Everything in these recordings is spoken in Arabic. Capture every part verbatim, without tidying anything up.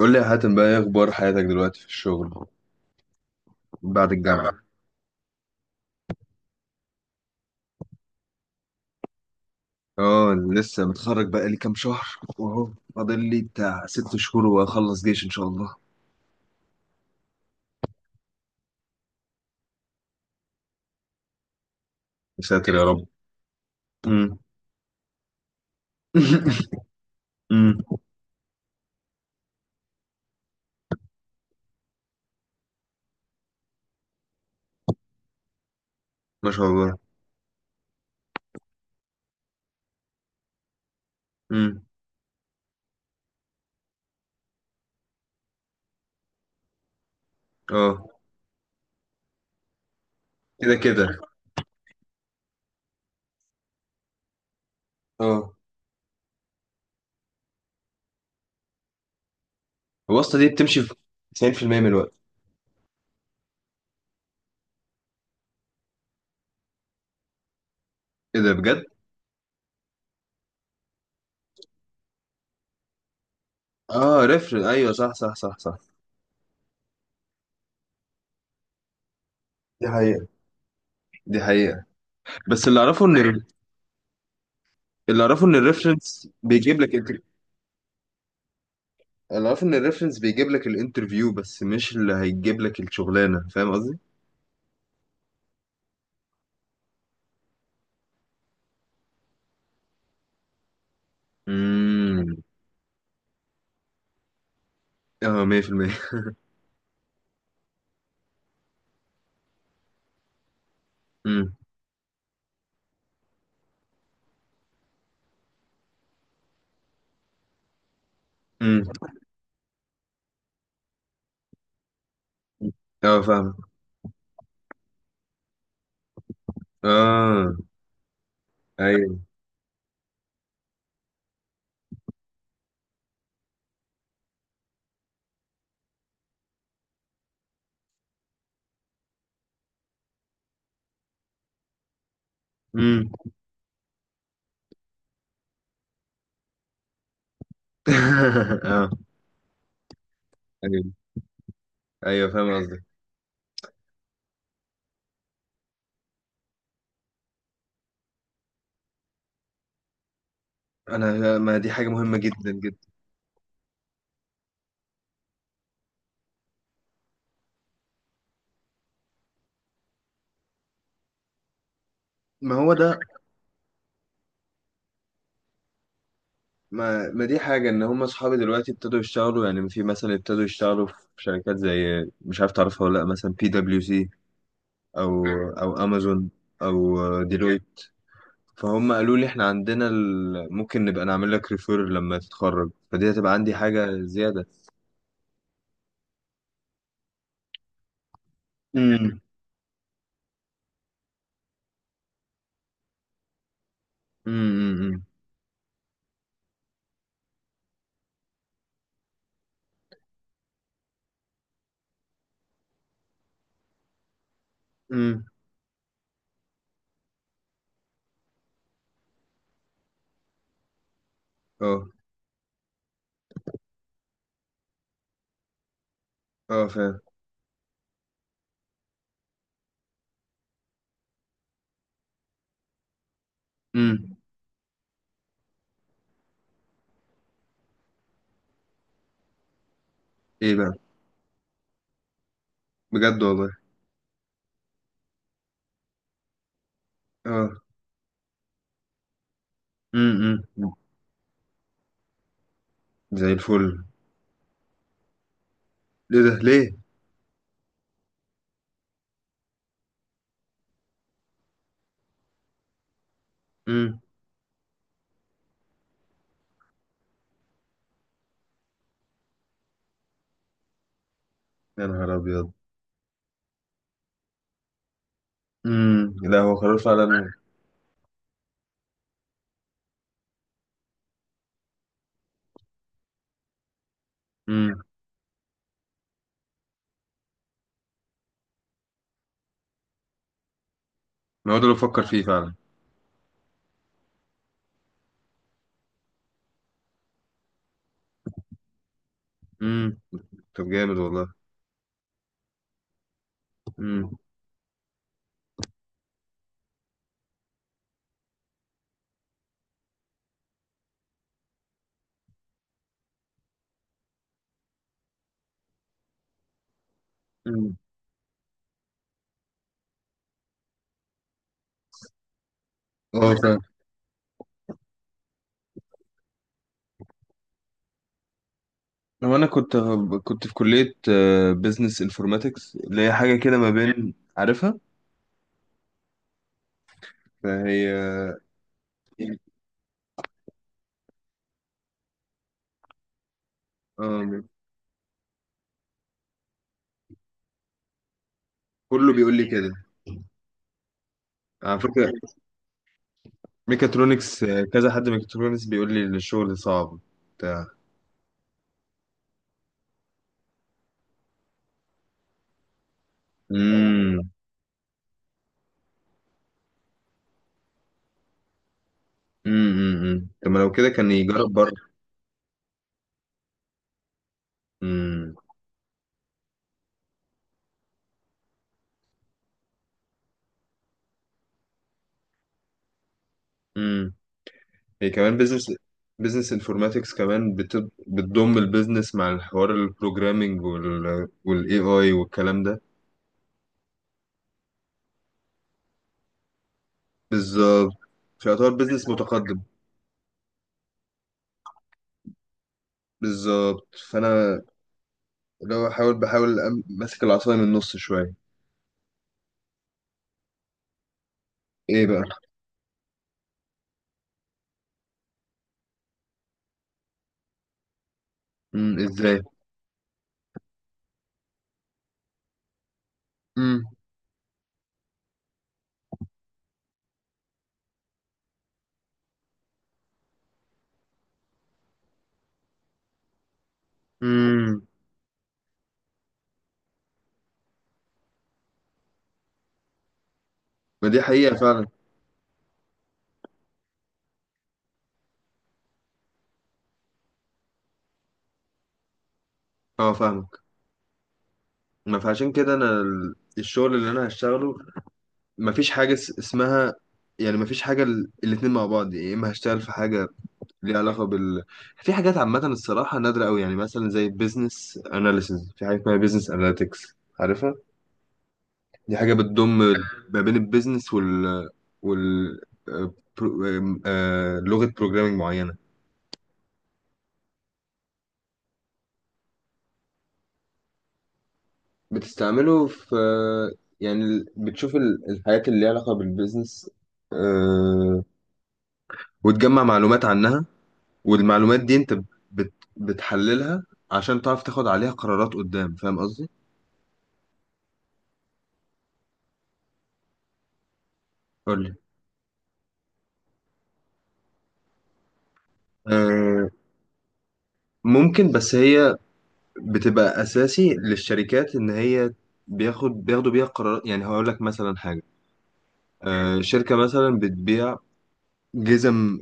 قول لي يا حاتم بقى، ايه اخبار حياتك دلوقتي في الشغل بعد الجامعة؟ اه، لسه متخرج بقى لي كام شهر، واهو فاضل لي بتاع ست شهور واخلص جيش ان شاء الله. يا ساتر يا رب. امم. امم. ما شاء الله. امم. اه كده كده. اه، الواسطة دي بتمشي في تسعين في المية من الوقت. ايه ده بجد. اه ريفرنس، ايوه، صح صح صح صح. دي حقيقة، دي حقيقة، بس اللي اعرفه ان اللي اعرفه ان الريفرنس بيجيب لك انت. انا عارف ان الريفرنس بيجيب لك الانترفيو بس مش اللي هيجيب لك الشغلانه، فاهم قصدي؟ امم. اه، مية بالمية. امم. امم. اه فاهم. اه. ايوه. امم. اه، ايوه ايوه، فاهم قصدك. انا، ما دي حاجه مهمه جدا جدا. ما هو ده. ما, ما دي حاجه ان هم اصحابي دلوقتي ابتدوا يشتغلوا، يعني في مثلا ابتدوا يشتغلوا في شركات زي، مش عارف تعرفها ولا لا، مثلا بي دبليو سي، او او امازون، او ديلويت. فهم قالوا لي احنا عندنا ال، ممكن نبقى نعمل لك ريفير لما تتخرج، فدي هتبقى عندي حاجة زيادة. امم. امم. امم. اه. اه فاهم. امم. ايه بقى. بجد والله. اه. امم. زي الفل. ليه ده ليه. امم. يا نهار ابيض. امم. لا، هو قرار فعلا. امم. ما هو ده اللي بفكر فيه فعلا. امم. طب جامد والله. امم. امم. اه فاهم. هو انا كنت كنت في كلية بزنس انفورماتكس، اللي هي حاجة كده ما بين عارفها. فهي اه، كله بيقول لي كده. على فكرة، ميكاترونكس، آه، كذا حد ميكاترونكس بيقول لي الشغل صعب بتاع. امم. امم. أمم. طب ما لو كده كان يجرب بره. امم. امم. هي كمان بزنس. بزنس انفورماتكس كمان بت- بتضم البيزنس مع الحوار البروجرامينج وال والاي اي والكلام ده. بالظبط، فيعتبر بزنس متقدم. بالظبط، فانا لو احاول بحاول، أم- ماسك العصايه من النص شويه. ايه بقى. امم. ازاي؟ امم. امم. ما دي حقيقة فعلا. اه فاهمك. ما فعشان كده انا ال- الشغل اللي انا هشتغله، ما فيش حاجة اس- اسمها، يعني ما فيش حاجة ال- الاتنين مع بعض. يا اما هشتغل في حاجة ليها علاقة بال، في حاجات عامة الصراحة نادرة قوي، يعني مثلا زي بيزنس اناليسز، في حاجة اسمها بيزنس اناليتكس، عارفها. دي حاجة بتضم ما بين البيزنس وال وال آه، برو- آه، آه، لغة بروجرامينج معينة. بتستعمله في، يعني ال- بتشوف ال- الحاجات اللي ليها علاقة بالبيزنس، آه، وتجمع معلومات عنها. والمعلومات دي انت بت بتحللها عشان تعرف تاخد عليها قرارات قدام، فاهم قصدي؟ قولي. آه، ممكن، بس هي بتبقى أساسي للشركات إن هي بياخد بياخدوا بيها قرارات. يعني هقول لك مثلا حاجة، آه، شركة مثلا بتبيع جزم،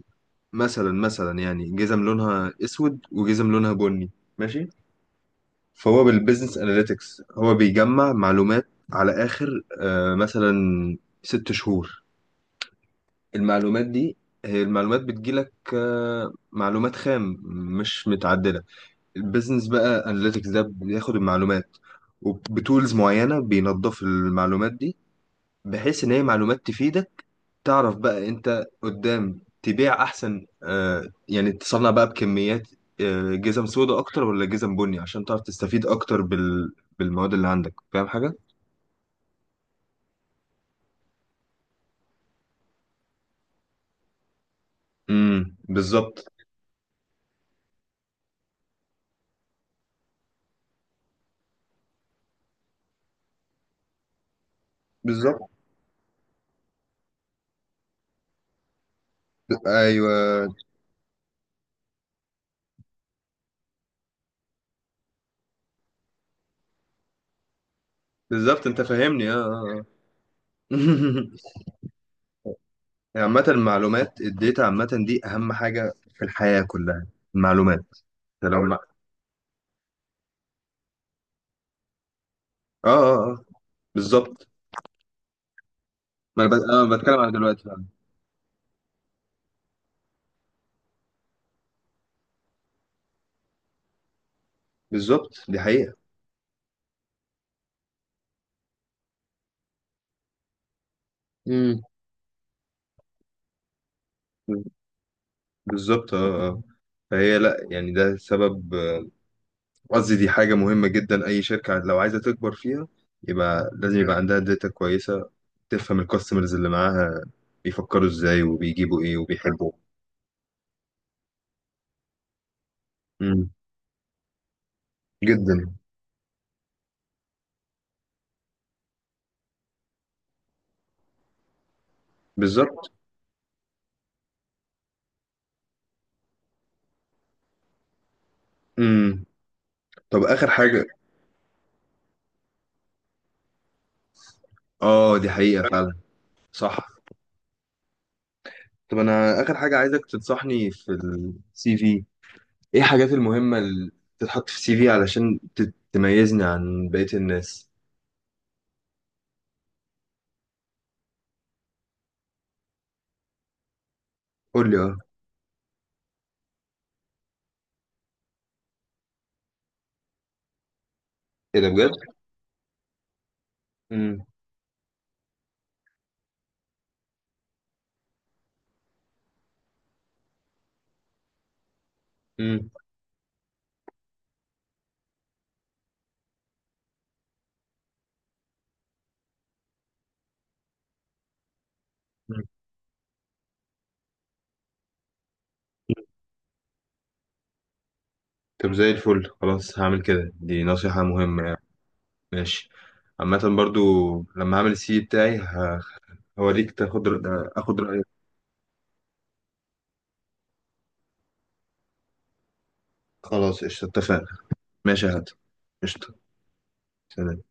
مثلا مثلا يعني جزم لونها أسود وجزم لونها بني. ماشي. فهو بالبيزنس اناليتكس هو بيجمع معلومات على اخر، آه، مثلا ست شهور. المعلومات دي، هي المعلومات بتجيلك آه، معلومات خام مش متعدلة. البيزنس بقى اناليتكس ده بياخد المعلومات وبتولز معينة بينظف المعلومات دي بحيث ان هي معلومات تفيدك، تعرف بقى انت قدام تبيع احسن. آه يعني تصنع بقى بكميات، آه جزم سودا اكتر ولا جزم بني، عشان تعرف تستفيد اكتر بال... بالمواد اللي عندك. فاهم حاجة؟ امم. بالظبط. بالظبط. ايوه. بالظبط، انت فاهمني. اه. آه، آه. عامة المعلومات الداتا عامة دي اهم حاجة في الحياة كلها. المعلومات. انت لو ما... اه اه اه. بالظبط. ما انا بت- آه، بتكلم على دلوقتي فعلا. بالظبط، دي حقيقة. امم. بالظبط. اه. آه. فهي لا، يعني ده سبب. آه، قصدي، دي حاجة مهمة جدا، أي شركة لو عايزة تكبر فيها يبقى لازم يبقى عندها داتا كويسة، تفهم الكاستمرز اللي معاها بيفكروا ازاي وبيجيبوا ايه وبيحبوا. امم. جدا. بالظبط. امم. طب آخر حاجة. اه، دي حقيقة فعلا. صح. طب أنا آخر حاجة عايزك تنصحني في السي في، ايه الحاجات المهمة اللي تتحط في السي في علشان تت- تميزني عن بقية الناس. قول لي اه. ايه ده بجد؟ مم. مم. طب زي الفل، خلاص هعمل كده. دي نصيحة مهمة يعني. ماشي. عامة برضو، لما هعمل السي في بتاعي ه- هوريك، تاخد رأ- اخد رأيك. خلاص قشطة، اتفقنا. ماشي يا هات. قشطة. سلام.